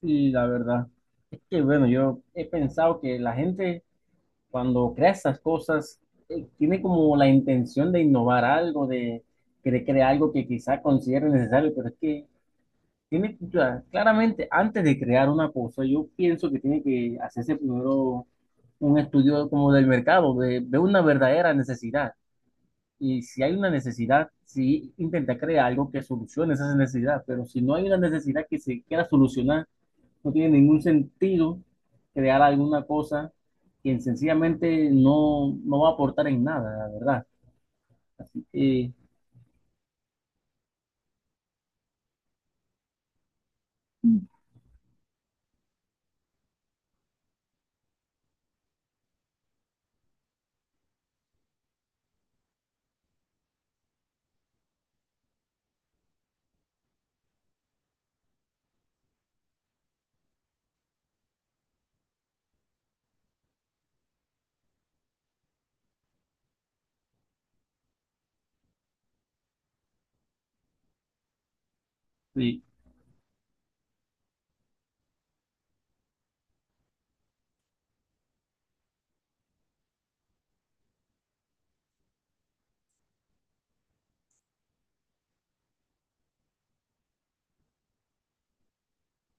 Sí, la verdad. Es que bueno, yo he pensado que la gente cuando crea estas cosas tiene como la intención de innovar algo, de crear algo que quizá considere necesario, pero es que tiene que, claramente antes de crear una cosa, yo pienso que tiene que hacerse primero un estudio como del mercado, de una verdadera necesidad. Y si hay una necesidad, sí intenta crear algo que solucione esa necesidad, pero si no hay una necesidad que se quiera solucionar, no tiene ningún sentido crear alguna cosa que sencillamente no va a aportar en nada, la verdad. Y, sí.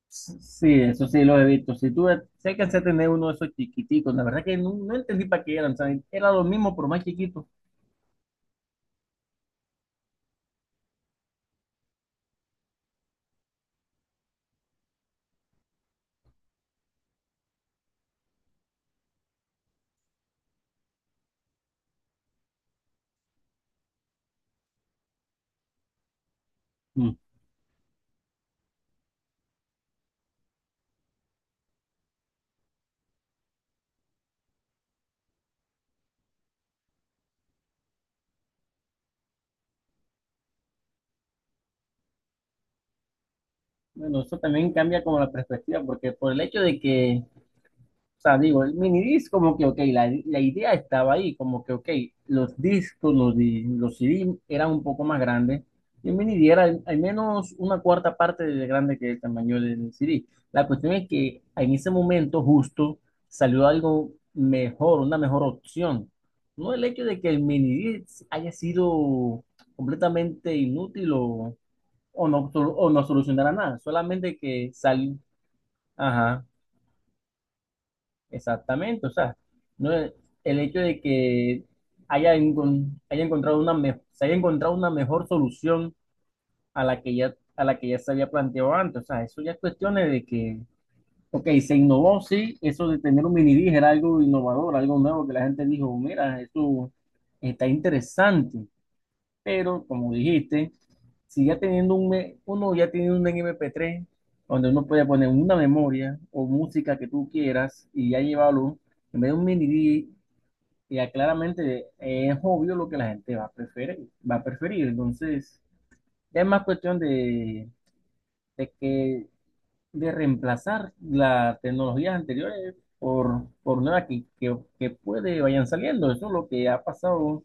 Sí, eso sí lo he visto. Si tú sé que alcancé a tener uno de esos chiquiticos, la verdad que no entendí para qué eran, ¿sabes? Era lo mismo, pero más chiquito. Mm. Bueno, eso también cambia como la perspectiva, porque por el hecho de que, o sea, digo, el minidisc como que, ok, la idea estaba ahí, como que, ok, los discos, los C d eran un poco más grandes, y el minidisc era al menos una cuarta parte de grande que el tamaño del c d. La cuestión es que en ese momento justo salió algo mejor, una mejor opción. No el hecho de que el minidisc haya sido completamente inútil o no solucionara nada, solamente que salió. Exactamente, o sea, no es- el hecho de que haya encontrado se haya encontrado una mejor solución a la que ya, a la que ya se había planteado antes, o sea, eso ya es cuestiones de que, ok, se innovó, sí, eso de tener un mini dig era algo innovador, algo nuevo que la gente dijo, mira, eso está interesante, pero, como dijiste, si ya teniendo uno ya tiene un MP3 donde uno puede poner una memoria o música que tú quieras y ya llevarlo, en vez de un mini disc, ya claramente es obvio lo que la gente va a preferir, va a preferir. Entonces, ya es más cuestión de que de reemplazar las tecnologías anteriores por nuevas que puede vayan saliendo. Eso es lo que ha pasado.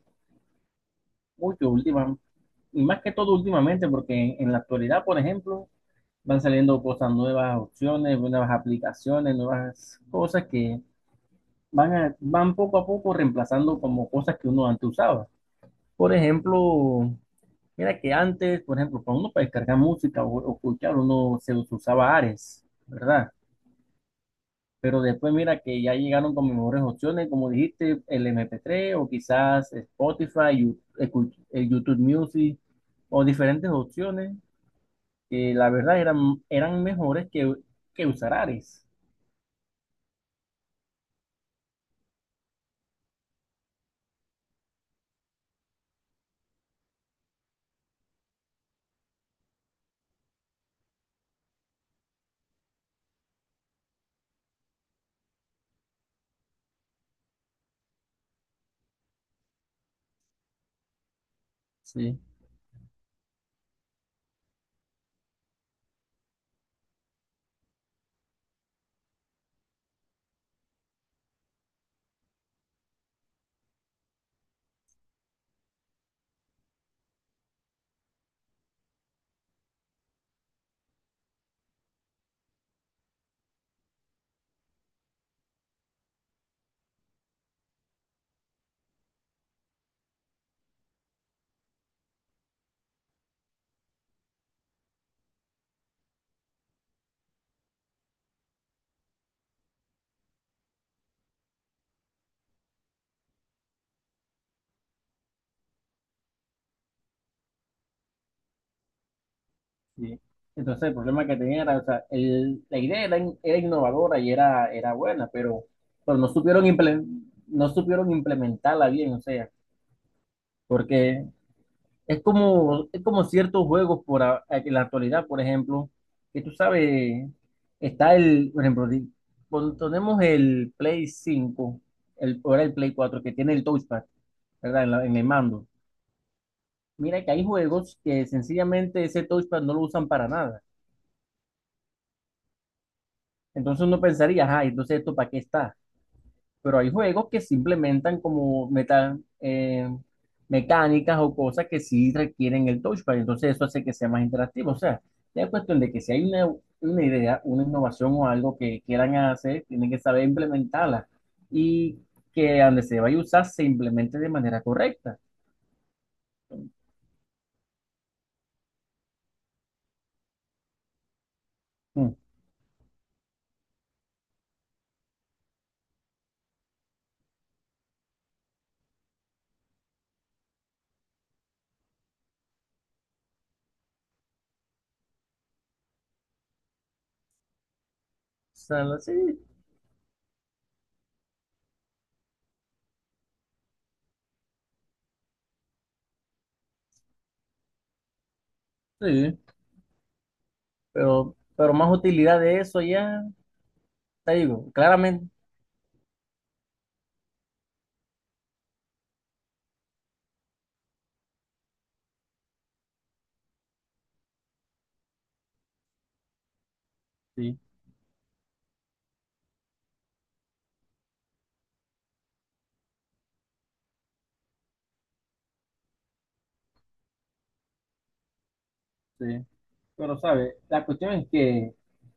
Uy, que última, y más que todo últimamente, porque en la actualidad, por ejemplo, van saliendo cosas nuevas, opciones, nuevas aplicaciones, nuevas cosas que van, van poco a poco reemplazando como cosas que uno antes usaba. Por ejemplo, mira que antes, por ejemplo, para uno para descargar música o escuchar, uno se usaba Ares, ¿verdad? Pero después mira que ya llegaron con mejores opciones, como dijiste, el mp tres o quizás Spotify, YouTube Music o diferentes opciones que la verdad eran, eran mejores que usar Ares. Sí, sí. Entonces el problema que tenía era, o sea, la idea era, era innovadora y era, era buena, pero no supieron no supieron implementarla bien, o sea, porque es como, es como ciertos juegos en la actualidad, por ejemplo, que tú sabes, está el, por ejemplo, cuando tenemos el Play cinco, el, ahora el Play 4 que tiene el touchpad, ¿verdad? En, en el mando. Mira que hay juegos que sencillamente ese touchpad no lo usan para nada. Entonces uno pensaría, ajá, entonces esto para qué está. Pero hay juegos que se implementan como meta, mecánicas o cosas que sí requieren el touchpad, entonces eso hace que sea más interactivo. O sea, ya es cuestión de que si hay una idea, una innovación o algo que quieran hacer, tienen que saber implementarla y que donde se vaya a usar se implemente de manera correcta. Mm. O sea, la- sí, sí, pero más utilidad de eso ya, te digo, claramente. Sí, sí. Pero, ¿sabes? La cuestión es que,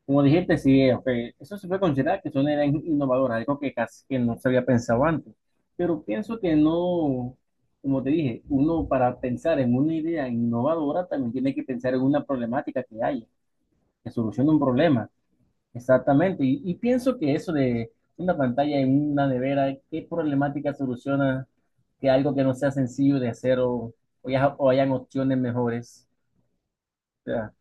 como dijiste, sí, ok, eso se puede considerar que son ideas innovadoras, algo que casi que no se había pensado antes. Pero pienso que no, como te dije, uno para pensar en una idea innovadora también tiene que pensar en una problemática que hay, que solucione un problema. Exactamente. Y pienso que eso de una pantalla en una nevera, ¿qué problemática soluciona que algo que no sea sencillo de hacer o, o hayan opciones mejores? O sea,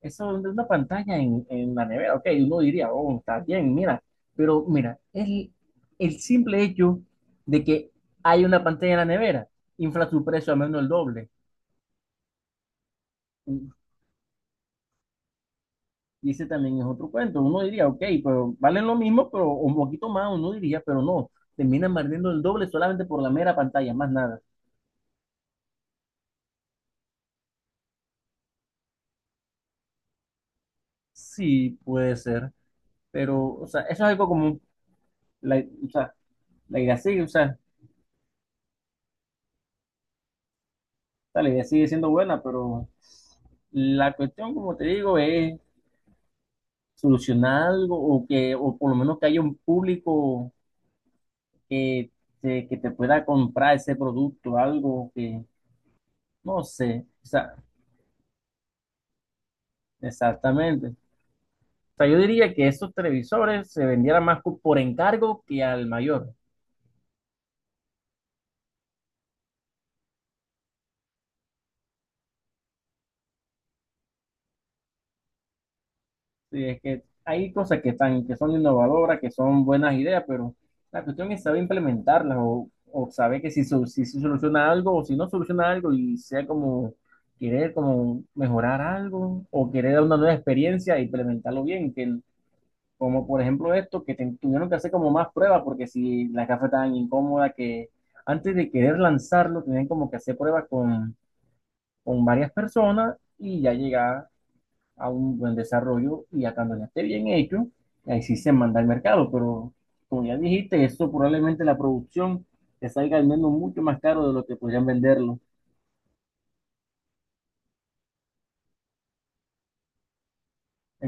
eso de una pantalla en la nevera, ok, uno diría, oh, está bien, mira, pero mira, el simple hecho de que hay una pantalla en la nevera infla su precio a menos el doble. Y ese también es otro cuento. Uno diría, ok, pero valen lo mismo, pero un poquito más, uno diría, pero no, terminan perdiendo el doble solamente por la mera pantalla, más nada. Sí, puede ser, pero, o sea, eso es algo como, la, o sea, la idea sigue, o sea, la idea sigue siendo buena, pero la cuestión, como te digo, es solucionar algo o que, o por lo menos que haya un público que que te pueda comprar ese producto, algo que, no sé, o sea, exactamente. O sea, yo diría que esos televisores se vendieran más por encargo que al mayor. Sí, es que hay cosas que están, que son innovadoras, que son buenas ideas, pero la cuestión es saber implementarlas o saber que si, su si se soluciona algo o si no soluciona algo y sea como querer como mejorar algo o querer dar una nueva experiencia e implementarlo bien, como por ejemplo esto, tuvieron que hacer como más pruebas porque si la caja tan incómoda que antes de querer lanzarlo, tenían como que hacer pruebas con varias personas y ya llegar a un buen desarrollo y a cuando ya esté bien hecho, ahí sí se manda al mercado, pero como ya dijiste, eso probablemente la producción te salga al menos mucho más caro de lo que podrían venderlo en